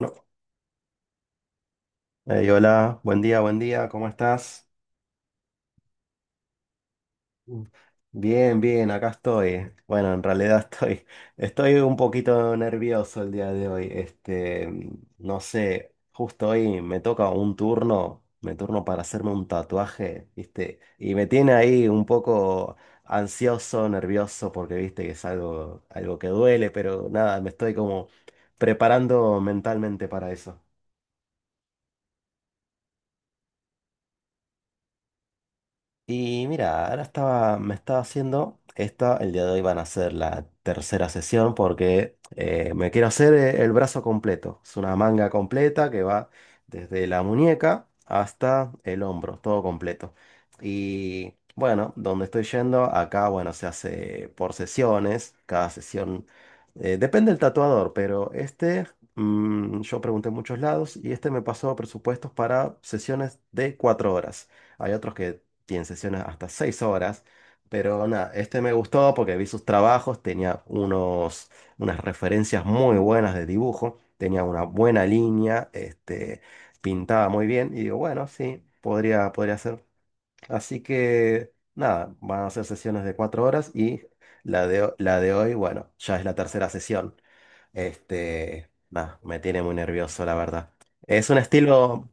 No. Ey, hola, buen día, ¿cómo estás? Mm. Bien, bien, acá estoy. Bueno, en realidad estoy un poquito nervioso el día de hoy. Este, no sé, justo hoy me toca un turno, me turno para hacerme un tatuaje, ¿viste? Y me tiene ahí un poco ansioso, nervioso, porque viste que es algo que duele, pero nada, me estoy como preparando mentalmente para eso. Y mira, ahora me estaba haciendo esta, el día de hoy van a ser la tercera sesión porque me quiero hacer el brazo completo. Es una manga completa que va desde la muñeca hasta el hombro, todo completo. Y bueno, donde estoy yendo, acá, bueno, se hace por sesiones, cada sesión, depende del tatuador, pero este, yo pregunté en muchos lados y este me pasó presupuestos para sesiones de 4 horas. Hay otros que tienen sesiones hasta 6 horas. Pero nada, este me gustó porque vi sus trabajos, tenía unas referencias muy buenas de dibujo, tenía una buena línea, este, pintaba muy bien y digo, bueno, sí, podría ser. Así que nada, van a ser sesiones de 4 horas y la de hoy, bueno, ya es la tercera sesión. Este, nada, me tiene muy nervioso, la verdad. Es un estilo...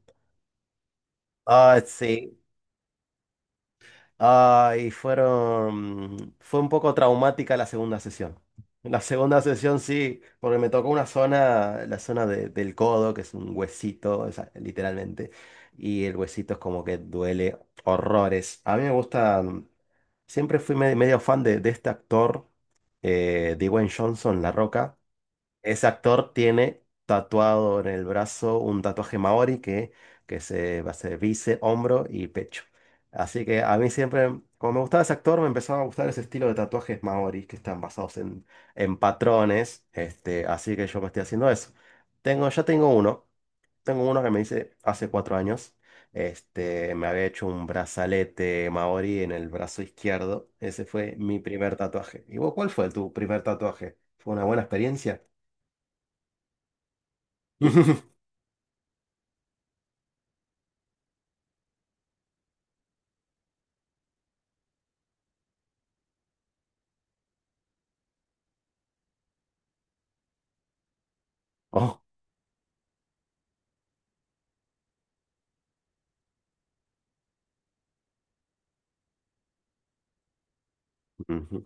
Ah, sí. Ay, fue un poco traumática la segunda sesión. La segunda sesión sí, porque me tocó una zona, la zona del codo, que es un huesito, o sea, literalmente, y el huesito es como que duele horrores. A mí me gusta, siempre fui medio fan de, este actor, Dwayne Johnson, La Roca. Ese actor tiene tatuado en el brazo un tatuaje maori que se va a ser bíceps, hombro y pecho. Así que a mí siempre, como me gustaba ese actor, me empezaba a gustar ese estilo de tatuajes maori que están basados en patrones. Este, así que yo me estoy haciendo eso. Ya tengo uno. Tengo uno que me hice hace 4 años. Este, me había hecho un brazalete maori en el brazo izquierdo. Ese fue mi primer tatuaje. ¿Y vos cuál fue tu primer tatuaje? ¿Fue una buena experiencia? Oh. Ujú.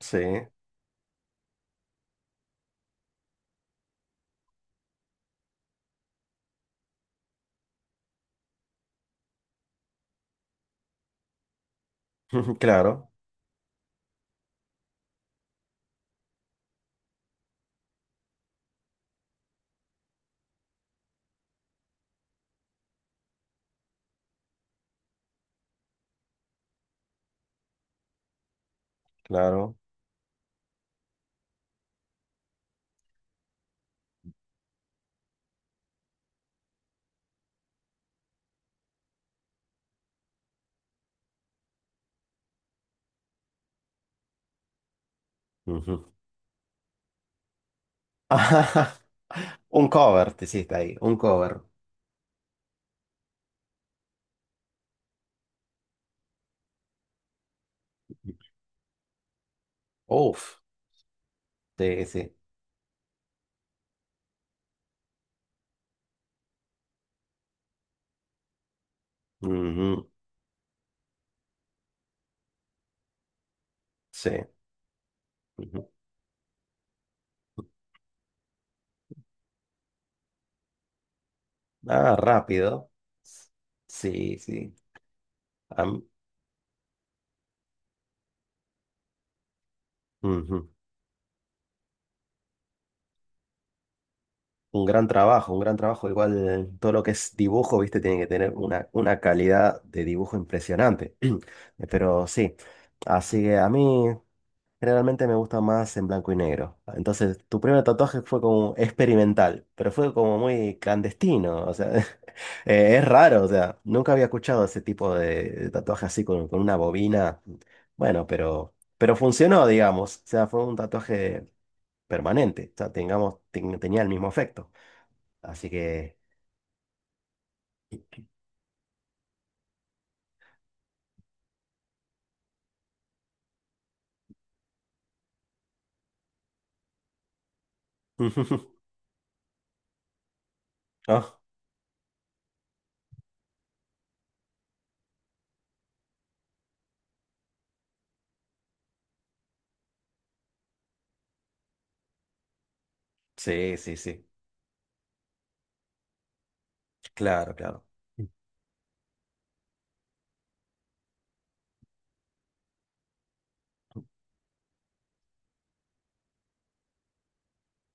Sí, claro, claro. Ujú. Ajá, un cover, te hiciste ahí, un cover. Uf, sí, sí. Ujú. Sí. Ujú. Ah, rápido. Sí, sí. Am- Ujú. Un gran trabajo, un gran trabajo. Igual todo lo que es dibujo, viste, tiene que tener una, calidad de dibujo impresionante. Pero sí, así que a mí. Generalmente me gusta más en blanco y negro. Entonces, tu primer tatuaje fue como experimental, pero fue como muy clandestino. O sea, es raro. O sea, nunca había escuchado ese tipo de, tatuaje así con una bobina. Bueno, pero funcionó, digamos. O sea, fue un tatuaje permanente. O sea, tenía el mismo efecto. Así que. Oh, sí, sí, sí. Claro, claro.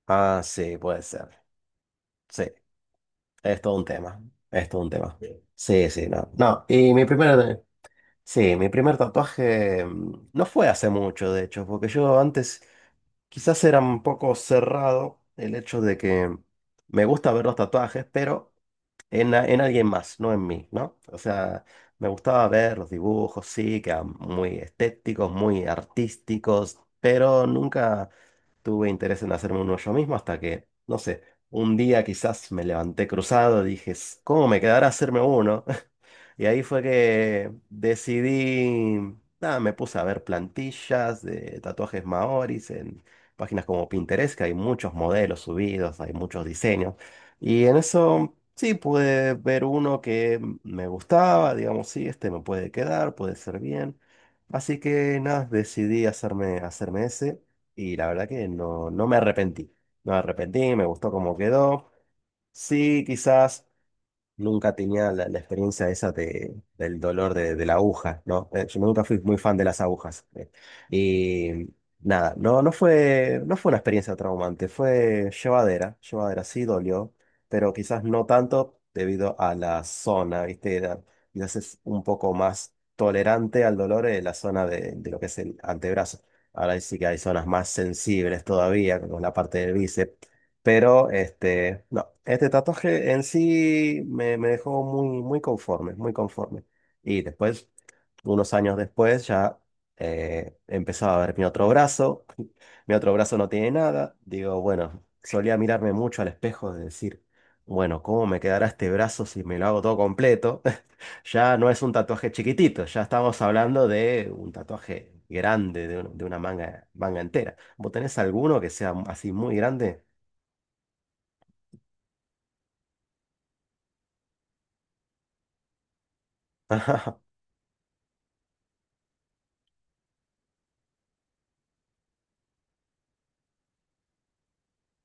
Ah, sí, puede ser. Sí. Es todo un tema, es todo un tema. Sí, sí, no. No, y mi primer, sí, mi primer tatuaje no fue hace mucho, de hecho, porque yo antes quizás era un poco cerrado el hecho de que me gusta ver los tatuajes, pero en, en alguien más, no en mí, ¿no? O sea, me gustaba ver los dibujos, sí, que eran muy estéticos, muy artísticos, pero nunca tuve interés en hacerme uno yo mismo hasta que, no sé, un día quizás me levanté cruzado, dije, ¿Cómo me quedará hacerme uno? Y ahí fue que decidí, nada, me puse a ver plantillas de tatuajes maoris en páginas como Pinterest, que hay muchos modelos subidos, hay muchos diseños. Y en eso sí pude ver uno que me gustaba, digamos, sí, este me puede quedar, puede ser bien. Así que nada, decidí hacerme ese y la verdad que no, no me arrepentí. No me arrepentí, me gustó cómo quedó. Sí, quizás. Nunca tenía la, experiencia esa del dolor de la aguja, ¿no? Yo nunca fui muy fan de las agujas. Y nada, no, no fue una experiencia traumante, fue llevadera, llevadera, sí dolió, pero quizás no tanto debido a la zona, ¿viste? Quizás es un poco más tolerante al dolor en la zona de, lo que es el antebrazo. Ahora sí que hay zonas más sensibles todavía, como la parte del bíceps. Pero este, no, este tatuaje en sí me dejó muy, muy conforme, muy conforme. Y después, unos años después, ya empezaba a ver mi otro brazo. Mi otro brazo no tiene nada. Digo, bueno, solía mirarme mucho al espejo de decir, bueno, ¿cómo me quedará este brazo si me lo hago todo completo? Ya no es un tatuaje chiquitito, ya estamos hablando de un tatuaje grande, de una manga, manga entera. ¿Vos tenés alguno que sea así muy grande?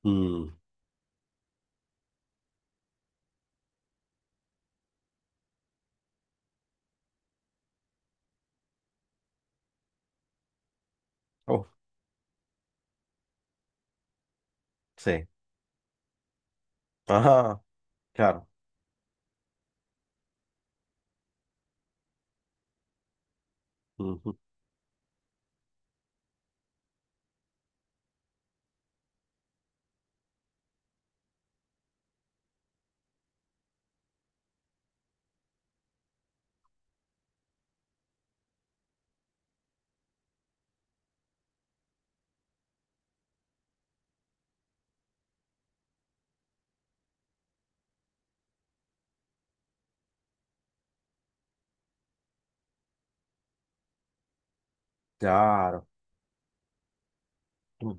Mm, oh, sí. Ajá, claro. Ujú. Claro. Mm.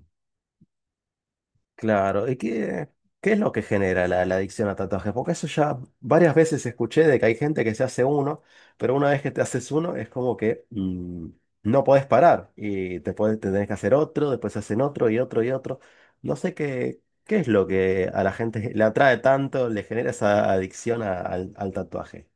Claro. ¿Y qué, es lo que genera la adicción a tatuajes? Porque eso ya varias veces escuché de que hay gente que se hace uno, pero una vez que te haces uno es como que no podés parar y te tenés que hacer otro, después se hacen otro y otro y otro. No sé qué es lo que a la gente le atrae tanto, le genera esa adicción al tatuaje.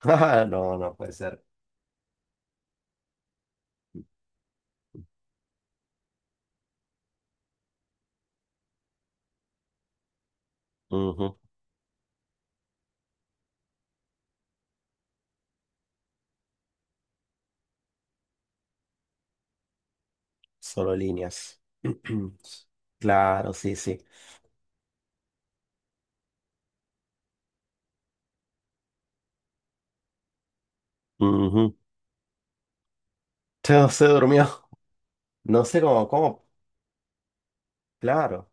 No, no puede ser. Solo líneas. Claro, sí, sí. Ujú. Entonces se durmió. No sé cómo, cómo. Claro.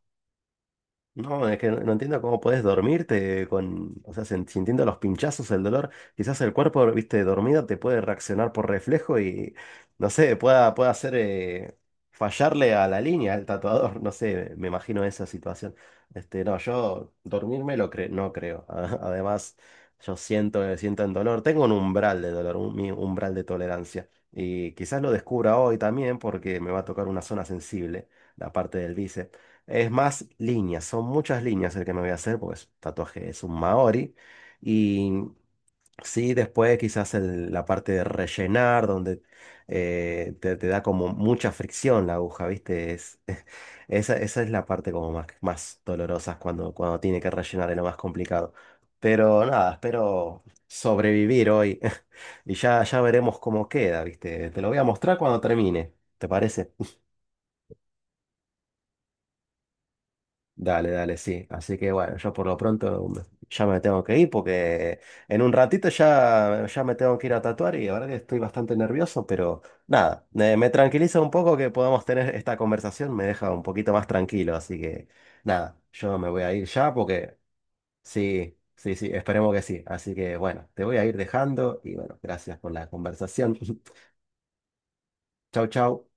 No, es que no entiendo cómo podés dormirte con, o sea, sintiendo los pinchazos, el dolor. Quizás el cuerpo, viste, dormido te puede reaccionar por reflejo y, no sé, pueda hacer fallarle a la línea al tatuador. No sé, me imagino esa situación. Este, no, yo dormirme no creo. Además, yo siento el dolor. Tengo un umbral de dolor, un mi umbral de tolerancia. Y quizás lo descubra hoy también porque me va a tocar una zona sensible, la parte del bíceps. Son muchas líneas el que me voy a hacer, porque es un tatuaje, es un maori. Y sí, después quizás la parte de rellenar, donde te, da como mucha fricción la aguja, ¿viste? Esa es la parte como más, más dolorosa cuando tiene que rellenar, es lo más complicado. Pero nada, espero sobrevivir hoy y ya veremos cómo queda, ¿viste? Te lo voy a mostrar cuando termine, ¿te parece? Dale, dale, sí. Así que bueno, yo por lo pronto ya me tengo que ir porque en un ratito ya, me tengo que ir a tatuar y la verdad que estoy bastante nervioso, pero nada, me tranquiliza un poco que podamos tener esta conversación, me deja un poquito más tranquilo, así que nada, yo me voy a ir ya porque sí, sí, sí, esperemos que sí. Así que bueno, te voy a ir dejando y bueno, gracias por la conversación. Chau, chau.